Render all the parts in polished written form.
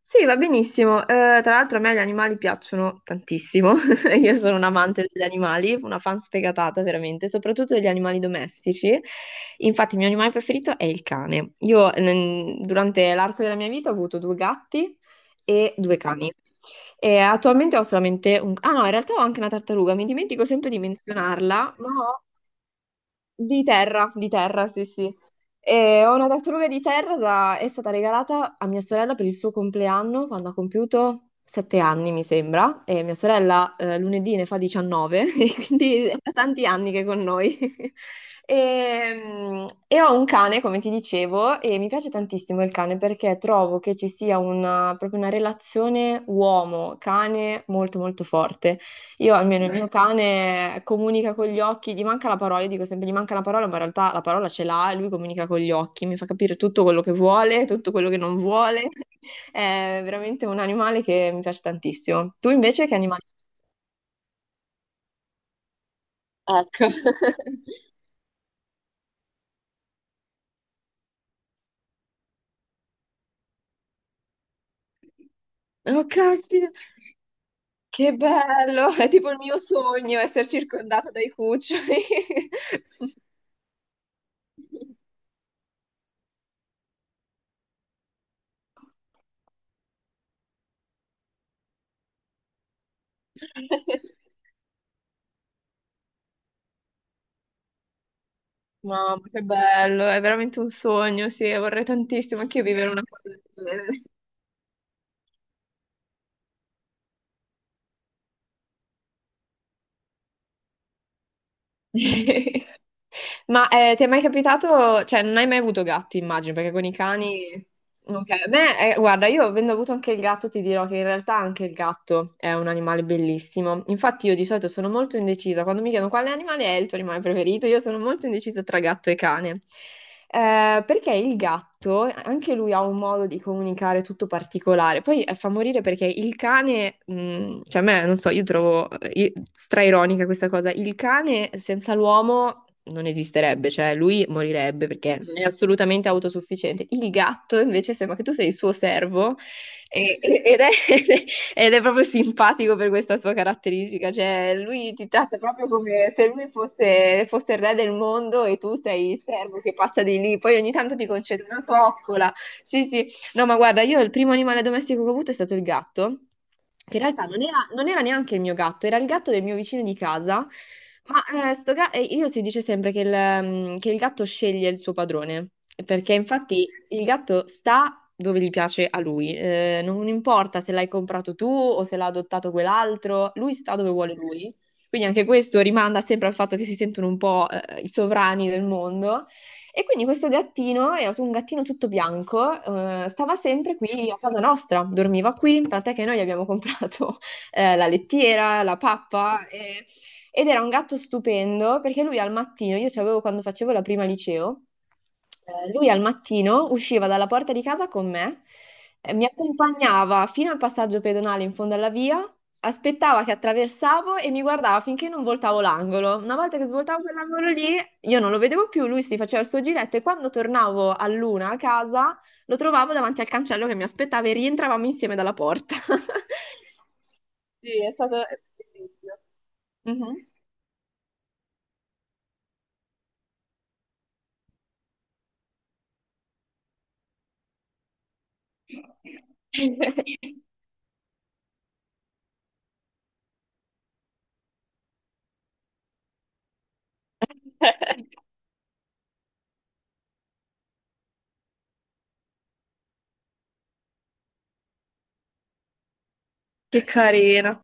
Sì, va benissimo. Tra l'altro a me gli animali piacciono tantissimo. Io sono un amante degli animali, una fan sfegatata veramente, soprattutto degli animali domestici. Infatti il mio animale preferito è il cane. Io durante l'arco della mia vita ho avuto due gatti e due cani. E attualmente ho solamente un. Ah no, in realtà ho anche una tartaruga, mi dimentico sempre di menzionarla, ma ho di terra, sì, sì. E ho una tartaruga di terra, è stata regalata a mia sorella per il suo compleanno quando ha compiuto 7 anni, mi sembra, e mia sorella lunedì ne fa 19, e quindi è da tanti anni che è con noi. E ho un cane, come ti dicevo, e mi piace tantissimo il cane perché trovo che ci sia una, proprio una relazione uomo-cane molto molto forte. Io almeno il mio, beh, cane comunica con gli occhi, gli manca la parola, io dico sempre gli manca la parola, ma in realtà la parola ce l'ha e lui comunica con gli occhi, mi fa capire tutto quello che vuole, tutto quello che non vuole. È veramente un animale che mi piace tantissimo. Tu invece che animale? Ecco. Oh, caspita, che bello! È tipo il mio sogno essere circondata dai cuccioli. Mamma, che bello, è veramente un sogno, sì, vorrei tantissimo anche io vivere una cosa del genere. Ma ti è mai capitato, cioè non hai mai avuto gatti, immagino, perché con i cani. Ok, beh, guarda, io avendo avuto anche il gatto ti dirò che in realtà anche il gatto è un animale bellissimo. Infatti io di solito sono molto indecisa, quando mi chiedono quale animale è il tuo animale preferito, io sono molto indecisa tra gatto e cane. Perché il gatto, anche lui ha un modo di comunicare tutto particolare. Poi fa morire perché il cane, cioè a me, non so, io trovo straironica questa cosa, il cane senza l'uomo non esisterebbe, cioè lui morirebbe perché non è assolutamente autosufficiente. Il gatto invece sembra che tu sei il suo servo ed è, ed è proprio simpatico per questa sua caratteristica, cioè lui ti tratta proprio come se lui fosse, fosse il re del mondo e tu sei il servo che passa di lì, poi ogni tanto ti concede una coccola, sì sì. No, ma guarda, io il primo animale domestico che ho avuto è stato il gatto, che in realtà non era, non era neanche il mio gatto, era il gatto del mio vicino di casa, ma e io si dice sempre che il gatto sceglie il suo padrone, perché infatti il gatto sta dove gli piace a lui, non importa se l'hai comprato tu o se l'ha adottato quell'altro, lui sta dove vuole lui. Quindi anche questo rimanda sempre al fatto che si sentono un po', i sovrani del mondo. E quindi questo gattino, era un gattino tutto bianco, stava sempre qui a casa nostra, dormiva qui, tant'è che noi gli abbiamo comprato la lettiera, la pappa, ed era un gatto stupendo perché lui al mattino, io ce l'avevo quando facevo la prima liceo, lui al mattino usciva dalla porta di casa con me, mi accompagnava fino al passaggio pedonale in fondo alla via, aspettava che attraversavo e mi guardava finché non voltavo l'angolo. Una volta che svoltavo quell'angolo lì, io non lo vedevo più, lui si faceva il suo giretto e quando tornavo a luna a casa lo trovavo davanti al cancello che mi aspettava e rientravamo insieme dalla porta. Sì, è bellissimo. Mhm. Che carina.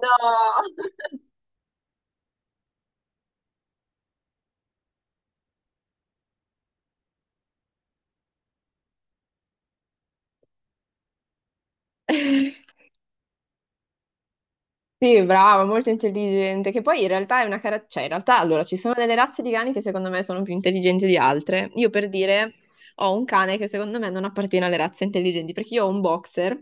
No, Sì, brava, molto intelligente, che poi in realtà è una caratteristica, cioè in realtà allora ci sono delle razze di cani che secondo me sono più intelligenti di altre. Io per dire ho un cane che secondo me non appartiene alle razze intelligenti, perché io ho un boxer,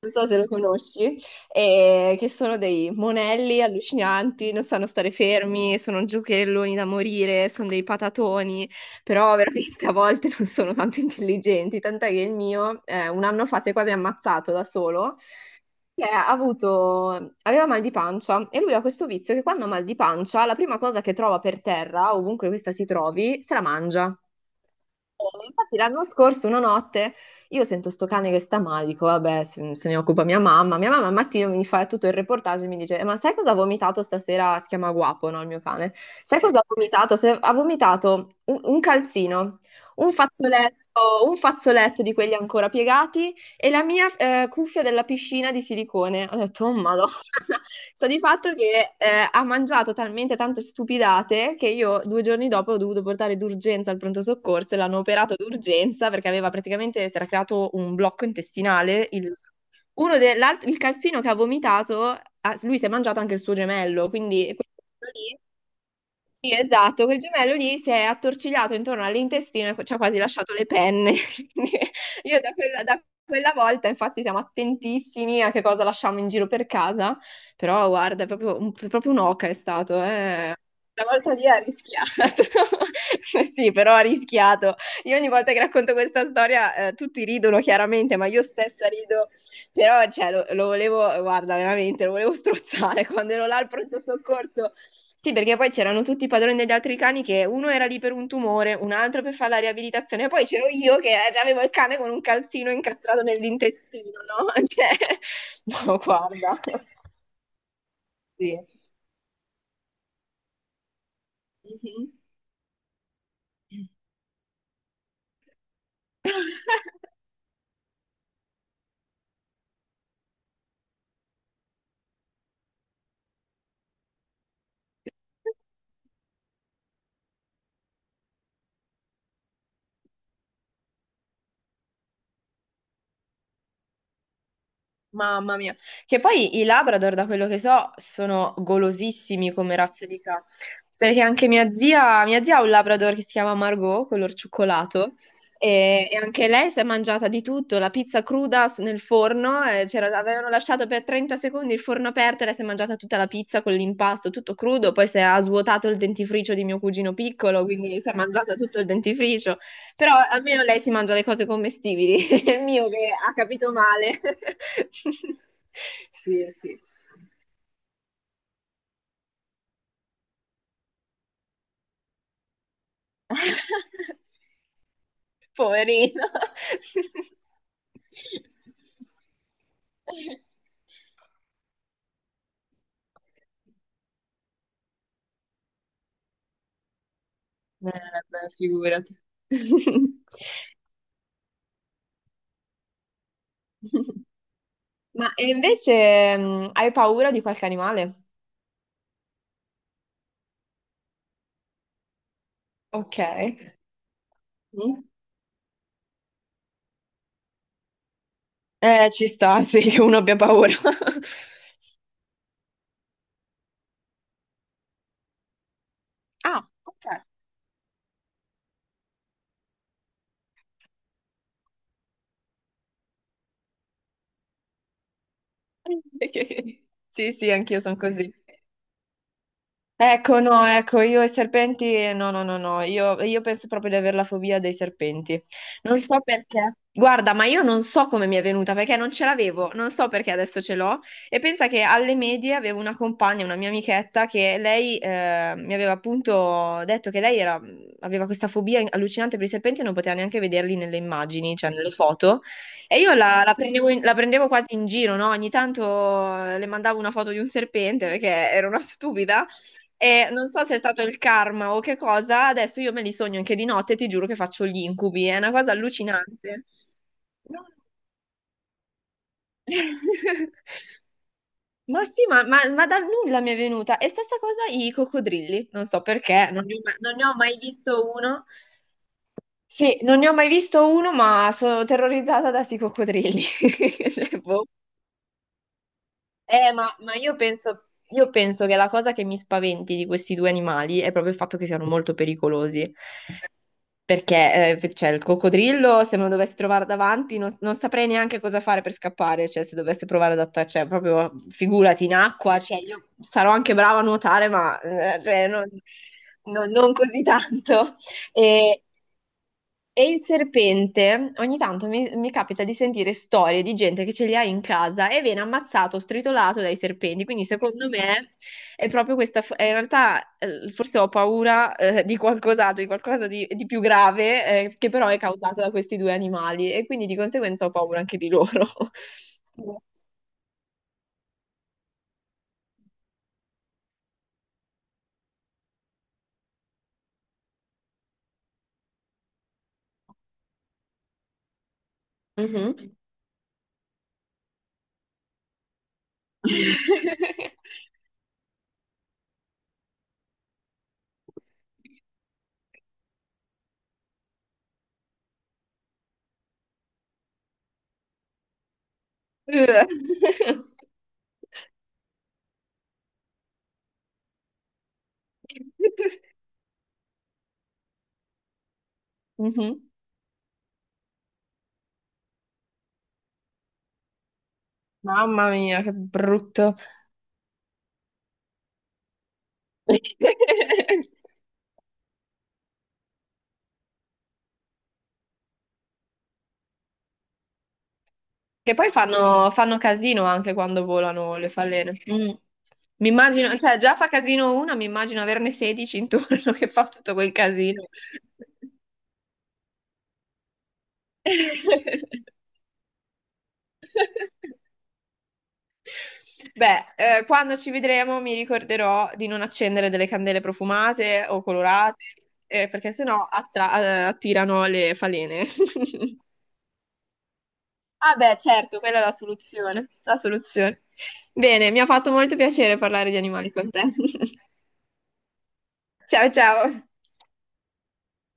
non so se lo conosci, e che sono dei monelli allucinanti, non sanno stare fermi, sono giocherelloni da morire, sono dei patatoni, però veramente a volte non sono tanto intelligenti, tant'è che il mio un anno fa si è quasi ammazzato da solo che aveva mal di pancia e lui ha questo vizio che quando ha mal di pancia, la prima cosa che trova per terra, ovunque questa si trovi, se la mangia. E infatti l'anno scorso, una notte, io sento sto cane che sta male, dico vabbè, se ne occupa mia mamma. Mia mamma al mattino mi fa tutto il reportage e mi dice, Ma sai cosa ha vomitato stasera? Si chiama Guapo, no, il mio cane. Sai cosa ha vomitato? Ha vomitato un calzino, un fazzoletto di quelli ancora piegati e la mia cuffia della piscina di silicone. Ho detto, oh madonna. Sta di fatto che ha mangiato talmente tante stupidate che io 2 giorni dopo ho dovuto portare d'urgenza al pronto soccorso e l'hanno operato d'urgenza perché aveva praticamente, si era creato un blocco intestinale. Il, uno de- l'alt- Il calzino che ha vomitato, ah, lui si è mangiato anche il suo gemello, quindi. Sì, esatto, quel gemello lì si è attorcigliato intorno all'intestino e ci ha quasi lasciato le penne. Quindi io da quella volta, infatti, siamo attentissimi a che cosa lasciamo in giro per casa, però guarda, è proprio, proprio un'oca è stato. Una volta lì ha rischiato. Sì, però ha rischiato. Io ogni volta che racconto questa storia, tutti ridono chiaramente, ma io stessa rido però cioè, lo volevo, guarda, veramente, lo volevo strozzare quando ero là al pronto soccorso. Sì, perché poi c'erano tutti i padroni degli altri cani che uno era lì per un tumore, un altro per fare la riabilitazione, e poi c'ero io che già avevo il cane con un calzino incastrato nell'intestino, no? Cioè, no, guarda. Sì. Mhm. Mamma mia, che poi i Labrador, da quello che so, sono golosissimi come razza di cane, perché anche mia zia ha un Labrador che si chiama Margot, color cioccolato, e anche lei si è mangiata di tutto, la pizza cruda nel forno, e avevano lasciato per 30 secondi il forno aperto e lei si è mangiata tutta la pizza con l'impasto, tutto crudo, poi si è ha svuotato il dentifricio di mio cugino piccolo, quindi si è mangiata tutto il dentifricio. Però almeno lei si mangia le cose commestibili, è il mio che ha capito male. Sì, sì. Poverino. Beh, figurati. Ma e invece hai paura di qualche animale? Ok. Mm? Ci sta, sì, che uno abbia paura. Ah, ok. Sì, sì, anch'io sono così. Ecco, no, ecco, io e i serpenti, no, no, no, no, io penso proprio di avere la fobia dei serpenti. Non so perché. Guarda, ma io non so come mi è venuta, perché non ce l'avevo, non so perché adesso ce l'ho. E pensa che alle medie avevo una compagna, una mia amichetta, che lei mi aveva appunto detto che lei aveva questa fobia allucinante per i serpenti e non poteva neanche vederli nelle immagini, cioè nelle foto. E io la prendevo quasi in giro, no? Ogni tanto le mandavo una foto di un serpente perché ero una stupida. E non so se è stato il karma o che cosa, adesso io me li sogno anche di notte e ti giuro che faccio gli incubi, è una cosa allucinante. No. Ma sì, ma dal nulla mi è venuta. E stessa cosa i coccodrilli, non so perché, non ne ho mai visto uno. Sì, non ne ho mai visto uno, ma sono terrorizzata da sti coccodrilli. Cioè, boh. Io penso che la cosa che mi spaventi di questi due animali è proprio il fatto che siano molto pericolosi. Perché, cioè, il coccodrillo, se me lo dovessi trovare davanti, non saprei neanche cosa fare per scappare, cioè, se dovesse provare ad attaccare, cioè, proprio, figurati, in acqua, cioè, io sarò anche brava a nuotare, ma, cioè, non così tanto. E, e il serpente, ogni tanto mi capita di sentire storie di gente che ce li ha in casa e viene ammazzato, stritolato dai serpenti. Quindi secondo me è proprio questa. In realtà forse ho paura di qualcos'altro, di qualcosa di più grave che però è causato da questi due animali e quindi di conseguenza ho paura anche di loro. Mhm. Mhm. Mamma mia, che brutto. Che poi fanno casino anche quando volano le falene. Mm. Mi immagino, cioè già fa casino una, mi immagino averne 16 intorno che fa tutto quel casino. Beh, quando ci vedremo mi ricorderò di non accendere delle candele profumate o colorate, perché sennò attirano le falene. Ah beh, certo, quella è la soluzione, la soluzione. Bene, mi ha fatto molto piacere parlare di animali con te. Ciao ciao.